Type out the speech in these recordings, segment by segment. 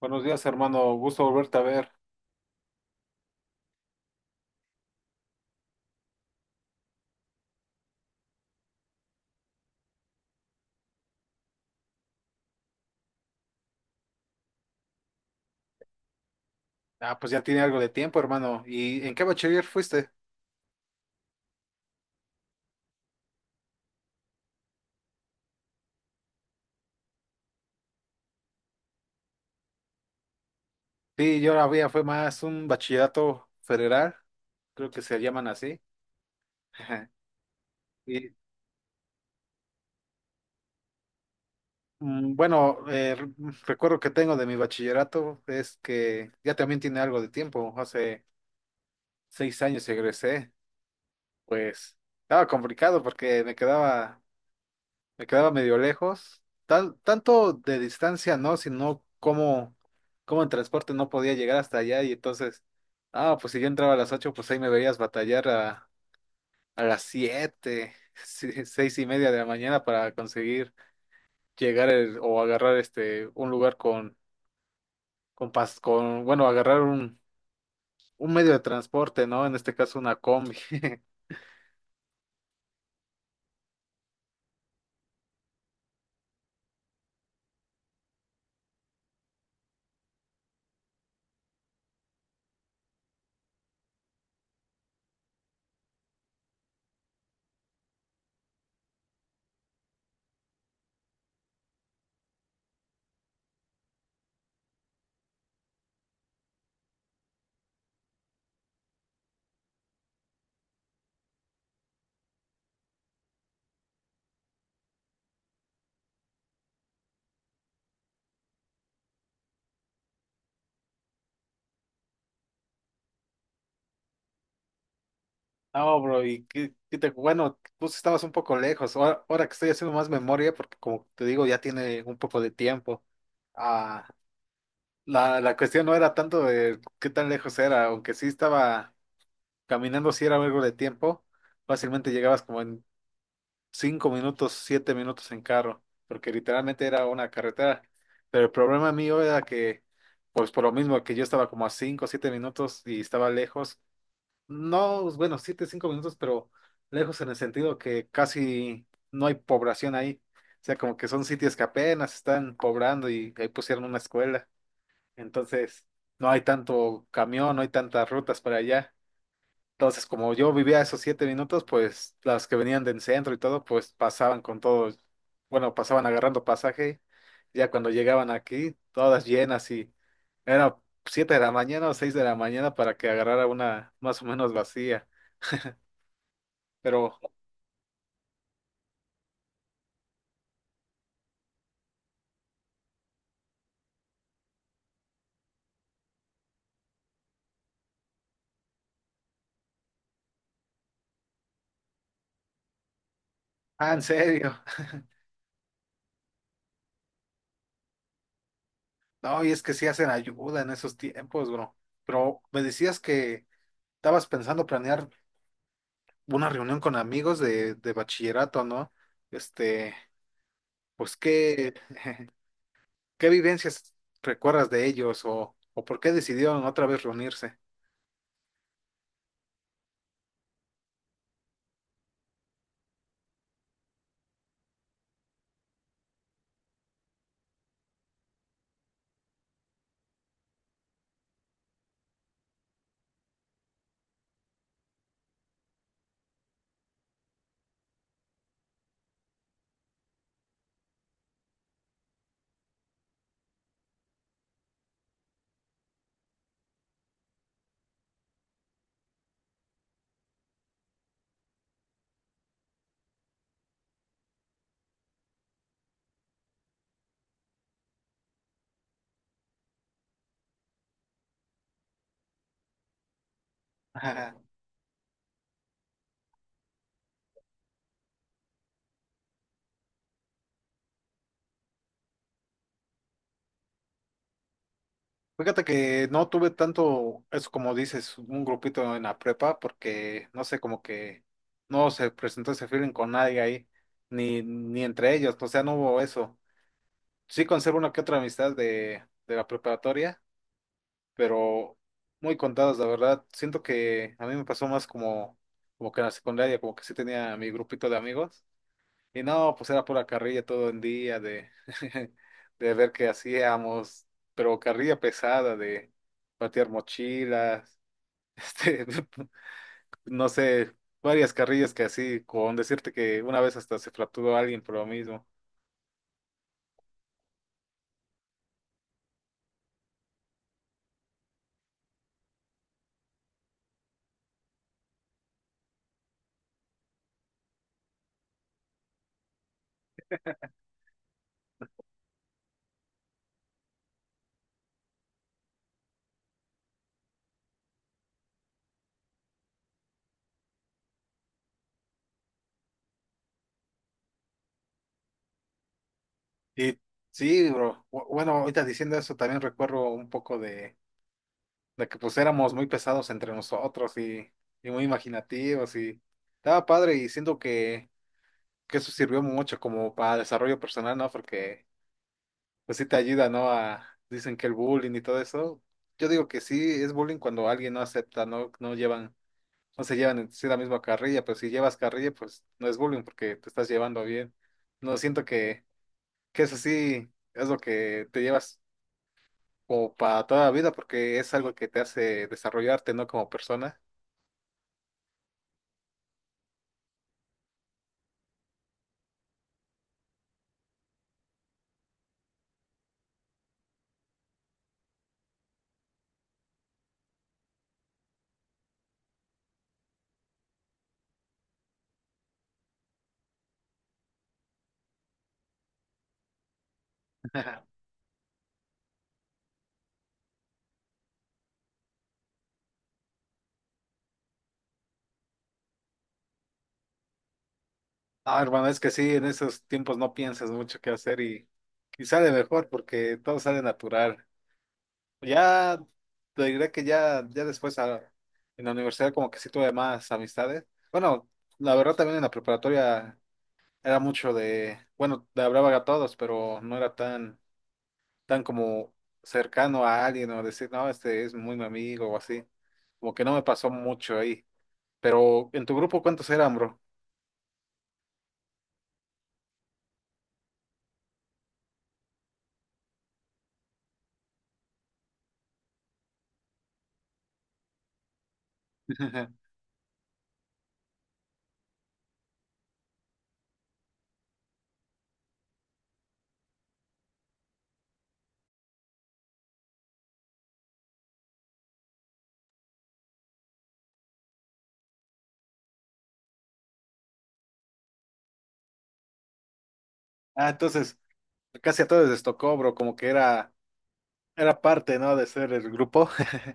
Buenos días, hermano. Gusto volverte a ver. Ah, pues ya tiene algo de tiempo, hermano. ¿Y en qué bachiller fuiste? Sí, fue más un bachillerato federal, creo que se llaman así. Y bueno, recuerdo que tengo de mi bachillerato es que ya también tiene algo de tiempo. Hace 6 años egresé. Pues estaba complicado porque me quedaba medio lejos. Tanto de distancia no, sino cómo en transporte no podía llegar hasta allá. Y entonces, ah, pues si yo entraba a las 8 pues ahí me veías batallar a las 7 6:30 de la mañana para conseguir llegar o agarrar este un lugar con bueno, agarrar un medio de transporte, ¿no? En este caso una combi. No, bro, bueno, vos estabas un poco lejos. Ahora que estoy haciendo más memoria, porque como te digo, ya tiene un poco de tiempo. Ah, la cuestión no era tanto de qué tan lejos era, aunque sí estaba caminando, si era algo de tiempo, fácilmente llegabas como en 5 minutos, 7 minutos en carro, porque literalmente era una carretera. Pero el problema mío era que, pues por lo mismo que yo estaba como a 5, o 7 minutos y estaba lejos, no, bueno, 7, 5 minutos, pero lejos en el sentido que casi no hay población ahí. O sea, como que son sitios que apenas están poblando y ahí pusieron una escuela. Entonces, no hay tanto camión, no hay tantas rutas para allá. Entonces, como yo vivía esos 7 minutos, pues las que venían del centro y todo, pues pasaban con todo, bueno, pasaban agarrando pasaje. Ya cuando llegaban aquí, todas llenas y era 7 de la mañana o 6 de la mañana para que agarrara una más o menos vacía. Pero, ah, en serio. No, y es que sí hacen ayuda en esos tiempos, bro. Pero me decías que estabas pensando planear una reunión con amigos de bachillerato, ¿no? Este, pues, ¿qué, qué vivencias recuerdas de ellos o por qué decidieron otra vez reunirse? Ajá. Fíjate que no tuve tanto, eso como dices, un grupito en la prepa, porque no sé, como que no se presentó ese feeling con nadie ahí, ni entre ellos, o sea, no hubo eso. Sí conservo una que otra amistad de la preparatoria, pero muy contadas, la verdad. Siento que a mí me pasó más como, como que en la secundaria, como que sí tenía mi grupito de amigos. Y no, pues era pura carrilla todo el día de, de ver qué hacíamos, pero carrilla pesada de patear mochilas, este, no sé, varias carrillas que así, con decirte que una vez hasta se fracturó alguien por lo mismo. Y sí, bro. Bueno, ahorita diciendo eso, también recuerdo un poco de que pues éramos muy pesados entre nosotros y muy imaginativos y estaba padre y siento que eso sirvió mucho como para desarrollo personal, ¿no? Porque pues sí te ayuda, ¿no? A, dicen que el bullying y todo eso. Yo digo que sí es bullying cuando alguien no acepta, no, no llevan, no se llevan en sí la misma carrilla, pero si llevas carrilla, pues no es bullying porque te estás llevando bien. No siento que eso sí es lo que te llevas o para toda la vida, porque es algo que te hace desarrollarte, ¿no? Como persona. Ah, hermano, es que sí, en esos tiempos no piensas mucho qué hacer y sale mejor porque todo sale natural. Ya te diré que ya después en la universidad como que sí tuve más amistades. Bueno, la verdad también en la preparatoria era mucho de, bueno, le hablaba a todos, pero no era tan como cercano a alguien o decir, no, este es muy mi amigo o así. Como que no me pasó mucho ahí. Pero en tu grupo, ¿cuántos eran, bro? Ah, entonces, casi a todos les tocó, bro, como que era parte, ¿no? De ser el grupo.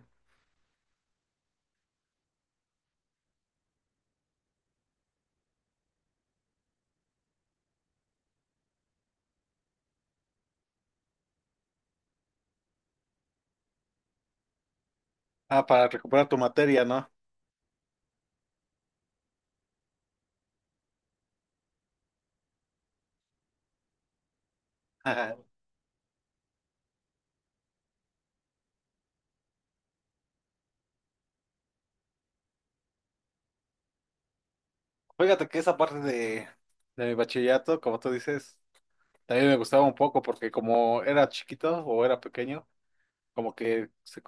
Ah, para recuperar tu materia, ¿no? Ajá. Fíjate que esa parte de mi bachillerato, como tú dices, también me gustaba un poco porque como era chiquito o era pequeño, como que, se-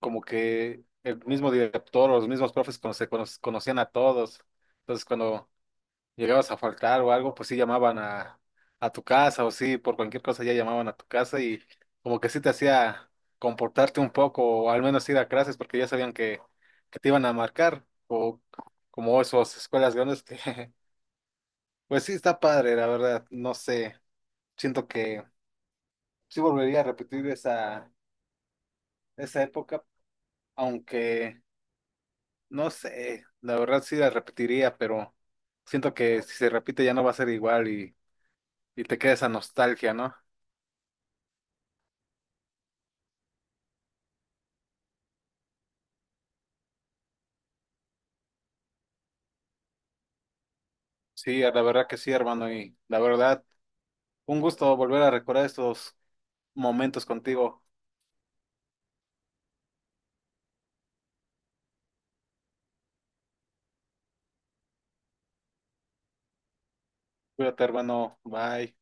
como que el mismo director o los mismos profes conocían a todos. Entonces, cuando llegabas a faltar o algo, pues sí llamaban a tu casa o sí, por cualquier cosa ya llamaban a tu casa y como que sí te hacía comportarte un poco o al menos ir a clases porque ya sabían que te iban a marcar o como esas escuelas grandes que pues sí está padre, la verdad, no sé, siento que sí volvería a repetir esa época, aunque no sé, la verdad sí la repetiría, pero siento que si se repite ya no va a ser igual y te queda esa nostalgia, ¿no? Sí, la verdad que sí, hermano, y la verdad, un gusto volver a recordar estos momentos contigo. Cuídate, hermano. Bye.